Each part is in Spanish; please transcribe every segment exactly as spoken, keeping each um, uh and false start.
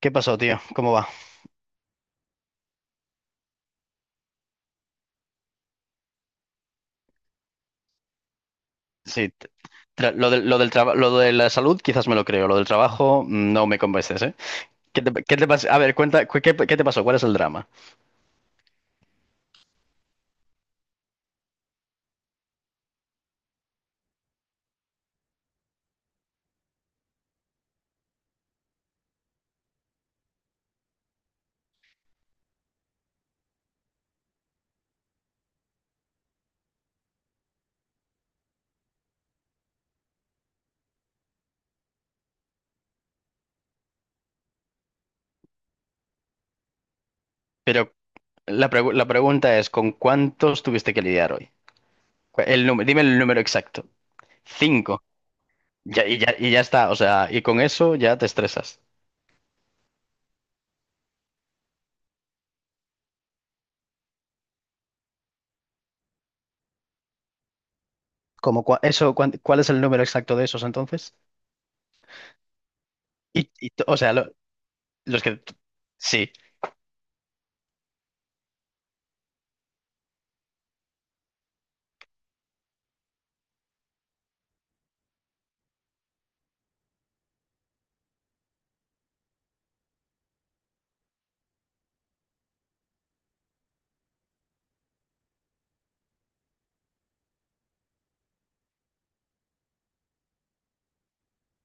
¿Qué pasó, tío? ¿Cómo va? Sí, t- tra- lo, del- lo del traba- lo de la salud quizás me lo creo, lo del trabajo mm, no me convences, ¿eh? ¿Qué te, qué te pas- A ver, cuenta, cu- ¿qué, qué te pasó? ¿Cuál es el drama? Pero la, pregu- la pregunta es, ¿con cuántos tuviste que lidiar hoy? Cu- El número, dime el número exacto. Cinco. Ya, y, ya, y ya está, o sea, y con eso ya te estresas. ¿Cómo, cua- eso, cuán- cuál es el número exacto de esos entonces? Y, y t- o sea, lo- los que... Sí,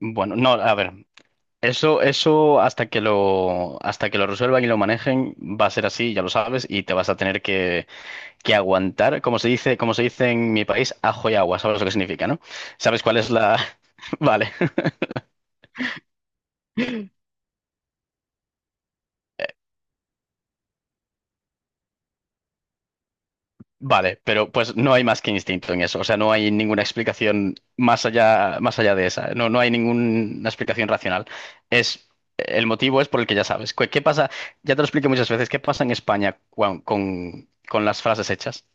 bueno, no, a ver. Eso, eso hasta que lo, hasta que lo resuelvan y lo manejen, va a ser así, ya lo sabes, y te vas a tener que, que aguantar, como se dice, como se dice en mi país, ajo y agua, sabes lo que significa, ¿no? ¿Sabes cuál es la...? Vale, vale, pero pues no hay más que instinto en eso, o sea, no hay ninguna explicación más allá, más allá de esa, no, no hay ninguna explicación racional. Es, el motivo es por el que ya sabes. ¿Qué, qué pasa? Ya te lo expliqué muchas veces, ¿qué pasa en España cuan- con, con las frases hechas?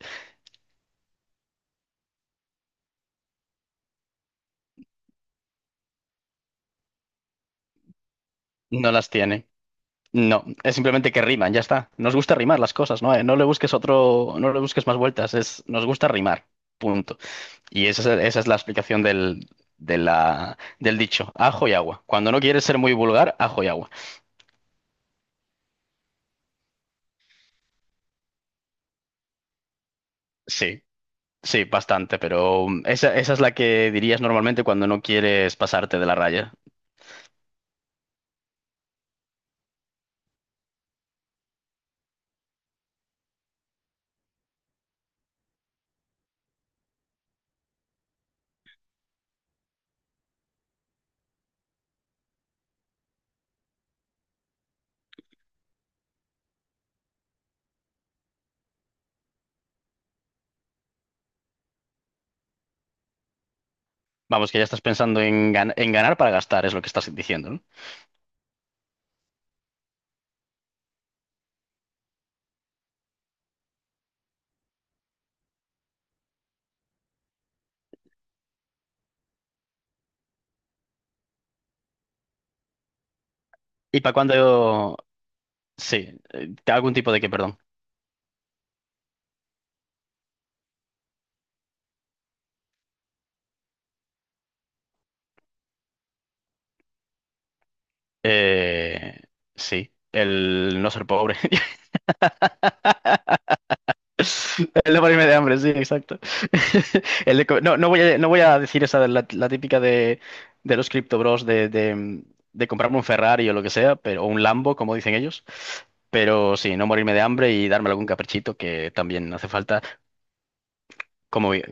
No las tienen. No, es simplemente que riman, ya está. Nos gusta rimar las cosas, ¿no? Eh, No le busques otro, no le busques más vueltas, es, nos gusta rimar, punto. Y esa es, esa es la explicación del, de la, del dicho, ajo y agua. Cuando no quieres ser muy vulgar, ajo y agua. Sí, sí, bastante, pero mm, esa, esa es la que dirías normalmente cuando no quieres pasarte de la raya. Vamos, que ya estás pensando en, gan- en ganar para gastar, es lo que estás diciendo, ¿no? ¿Y para cuando... Sí, eh, algún tipo de que, perdón. Eh, sí, el no ser pobre. El no morirme de hambre, sí, exacto. El de co- no, no voy a, no voy a decir esa de la, la típica de, de los Crypto Bros de, de, de comprarme un Ferrari o lo que sea, pero, o un Lambo, como dicen ellos. Pero sí, no morirme de hambre y darme algún caprichito que también hace falta. Como, vi-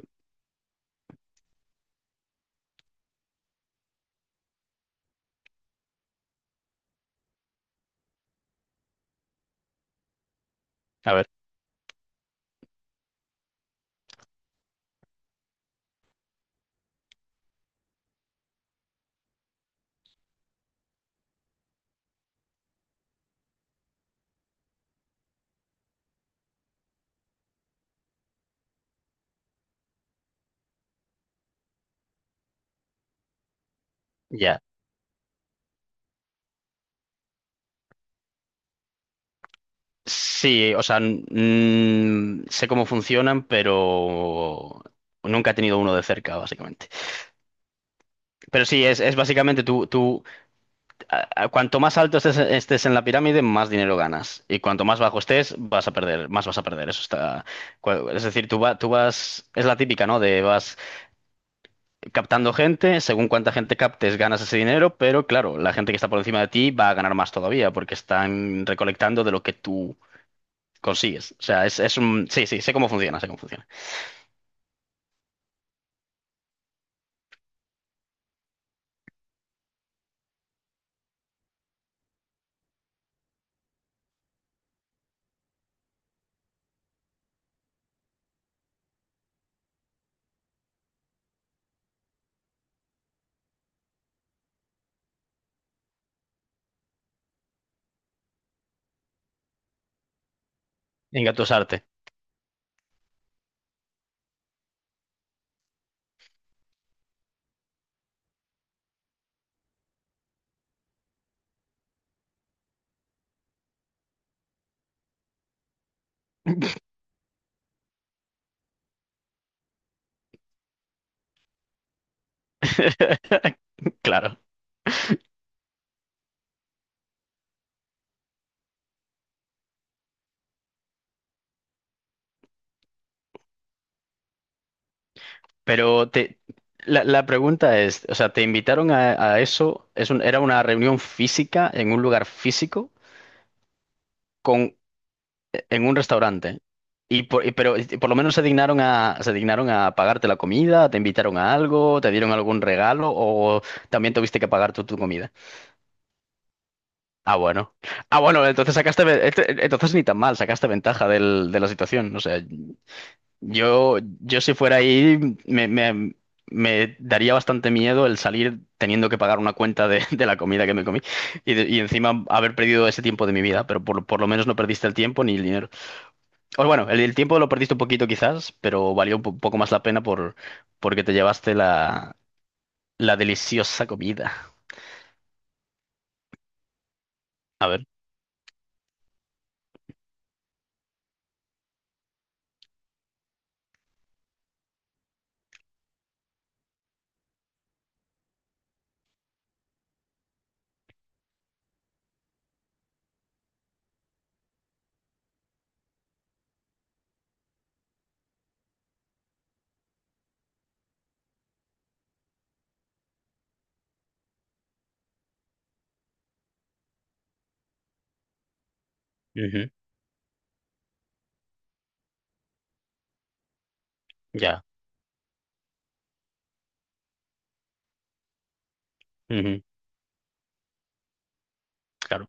a ver, ya. Sí, o sea, mm, sé cómo funcionan, pero nunca he tenido uno de cerca, básicamente. Pero sí, es, es básicamente tú, tú a- a- cuanto más alto estés, estés en la pirámide, más dinero ganas. Y cuanto más bajo estés, vas a perder, más vas a perder. Eso está. cua- Es decir, tú, va- tú vas. Es la típica, ¿no? De vas captando gente, según cuánta gente captes, ganas ese dinero, pero claro, la gente que está por encima de ti va a ganar más todavía, porque están recolectando de lo que tú consigues. O sea, es, es un. Sí, sí, sé cómo funciona, sé cómo funciona. Engatusarte. Claro. Pero te, la, la pregunta es, o sea, ¿te invitaron a, a eso? ¿Es un- era una reunión física en un lugar físico con, en un restaurante? Y por, y- pero y por lo menos se dignaron a, se dignaron a pagarte la comida, te invitaron a algo, te dieron algún regalo o también tuviste que pagar tú tu comida. Ah, bueno. Ah, bueno, entonces sacaste, ve- ent- entonces ni tan mal, sacaste ventaja del, de la situación. O sea, Yo, yo si fuera ahí, me, me- me daría bastante miedo el salir teniendo que pagar una cuenta de, de la comida que me comí y, de- y encima haber perdido ese tiempo de mi vida, pero por, por lo menos no perdiste el tiempo ni el dinero. O bueno, el, el tiempo lo perdiste un poquito quizás, pero valió un po- poco más la pena por, porque te llevaste la, la deliciosa comida. A ver. Ujú, ya. Ujú, claro.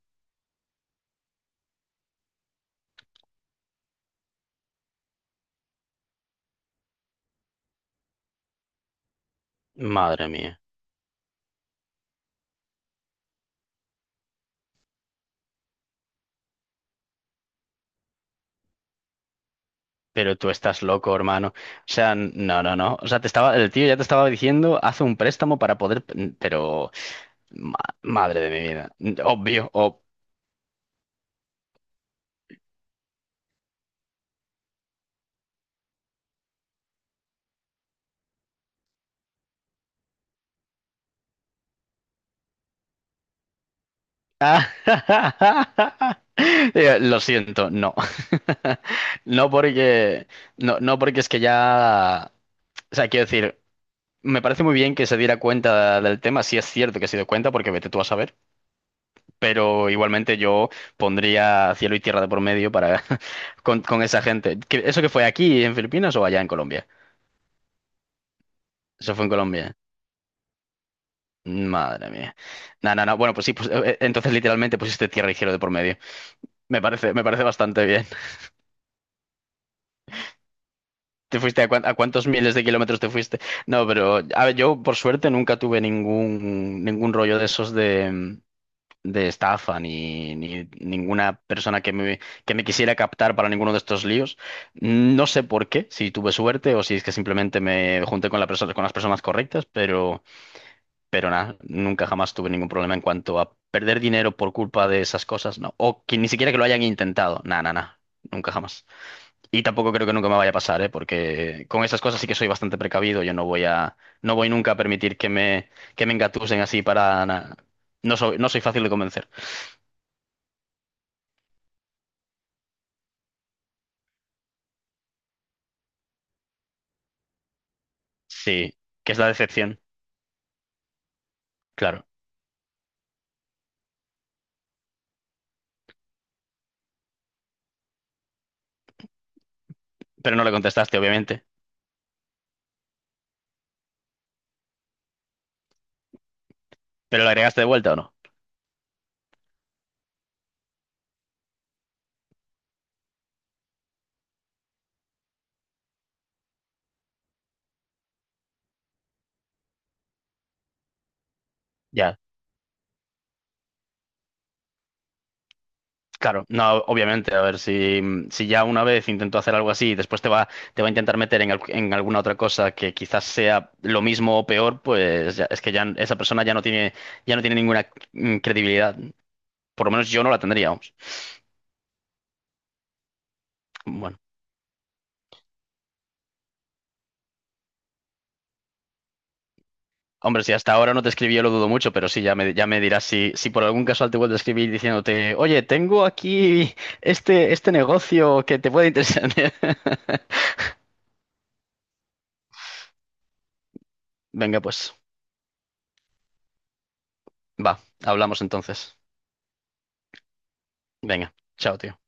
Madre mía. Pero tú estás loco, hermano. O sea, n- no, no, no. O sea, te estaba, el tío ya te estaba diciendo, haz un préstamo para poder. p- Pero, ma- madre de mi vida. N- Obvio, ob- Eh, Lo siento, no. No porque, no, no porque es que ya. O sea, quiero decir, me parece muy bien que se diera cuenta del tema. Si es cierto que se dio cuenta, porque vete tú a saber. Pero igualmente yo pondría cielo y tierra de por medio para con, con esa gente. ¿Que- ¿Eso que fue aquí en Filipinas o allá en Colombia? Eso fue en Colombia. Madre mía. No, no, no. Bueno, pues sí, pues eh, eh, entonces literalmente pusiste tierra y cielo de por medio. Me parece, me parece bastante bien. ¿Te fuiste a, cuán- a cuántos miles de kilómetros te fuiste? No, pero a ver, yo por suerte nunca tuve ningún, ningún rollo de esos de, mm, de estafa ni, ni ninguna persona que me, que me quisiera captar para ninguno de estos líos. No sé por qué, si tuve suerte o si es que simplemente me junté con la persona, con las personas correctas, pero, pero nada, nunca jamás tuve ningún problema en cuanto a perder dinero por culpa de esas cosas, ¿no? O que ni siquiera que lo hayan intentado, nada, nada, nada. Nunca jamás. Y tampoco creo que nunca me vaya a pasar, ¿eh? Porque con esas cosas sí que soy bastante precavido. Yo no voy a, no voy nunca a permitir que me, que me engatusen así para nada. No soy, no soy fácil de convencer. Sí, que es la decepción, claro. Pero no le contestaste, obviamente. ¿Pero le agregaste de vuelta o no? Ya, claro. No, obviamente. A ver, si, si ya una vez intentó hacer algo así y después te va, te va a intentar meter en, al- en alguna otra cosa que quizás sea lo mismo o peor, pues ya- es que ya esa persona ya no tiene, ya no tiene ninguna mm, credibilidad. Por lo menos yo no la tendría, vamos. Bueno. Hombre, si hasta ahora no te escribí, yo lo dudo mucho, pero sí, ya me, ya me dirás si, si por algún casual te vuelvo a escribir diciéndote, oye, tengo aquí este, este negocio que te puede interesar. Venga, pues, va, hablamos entonces. Venga, chao, tío.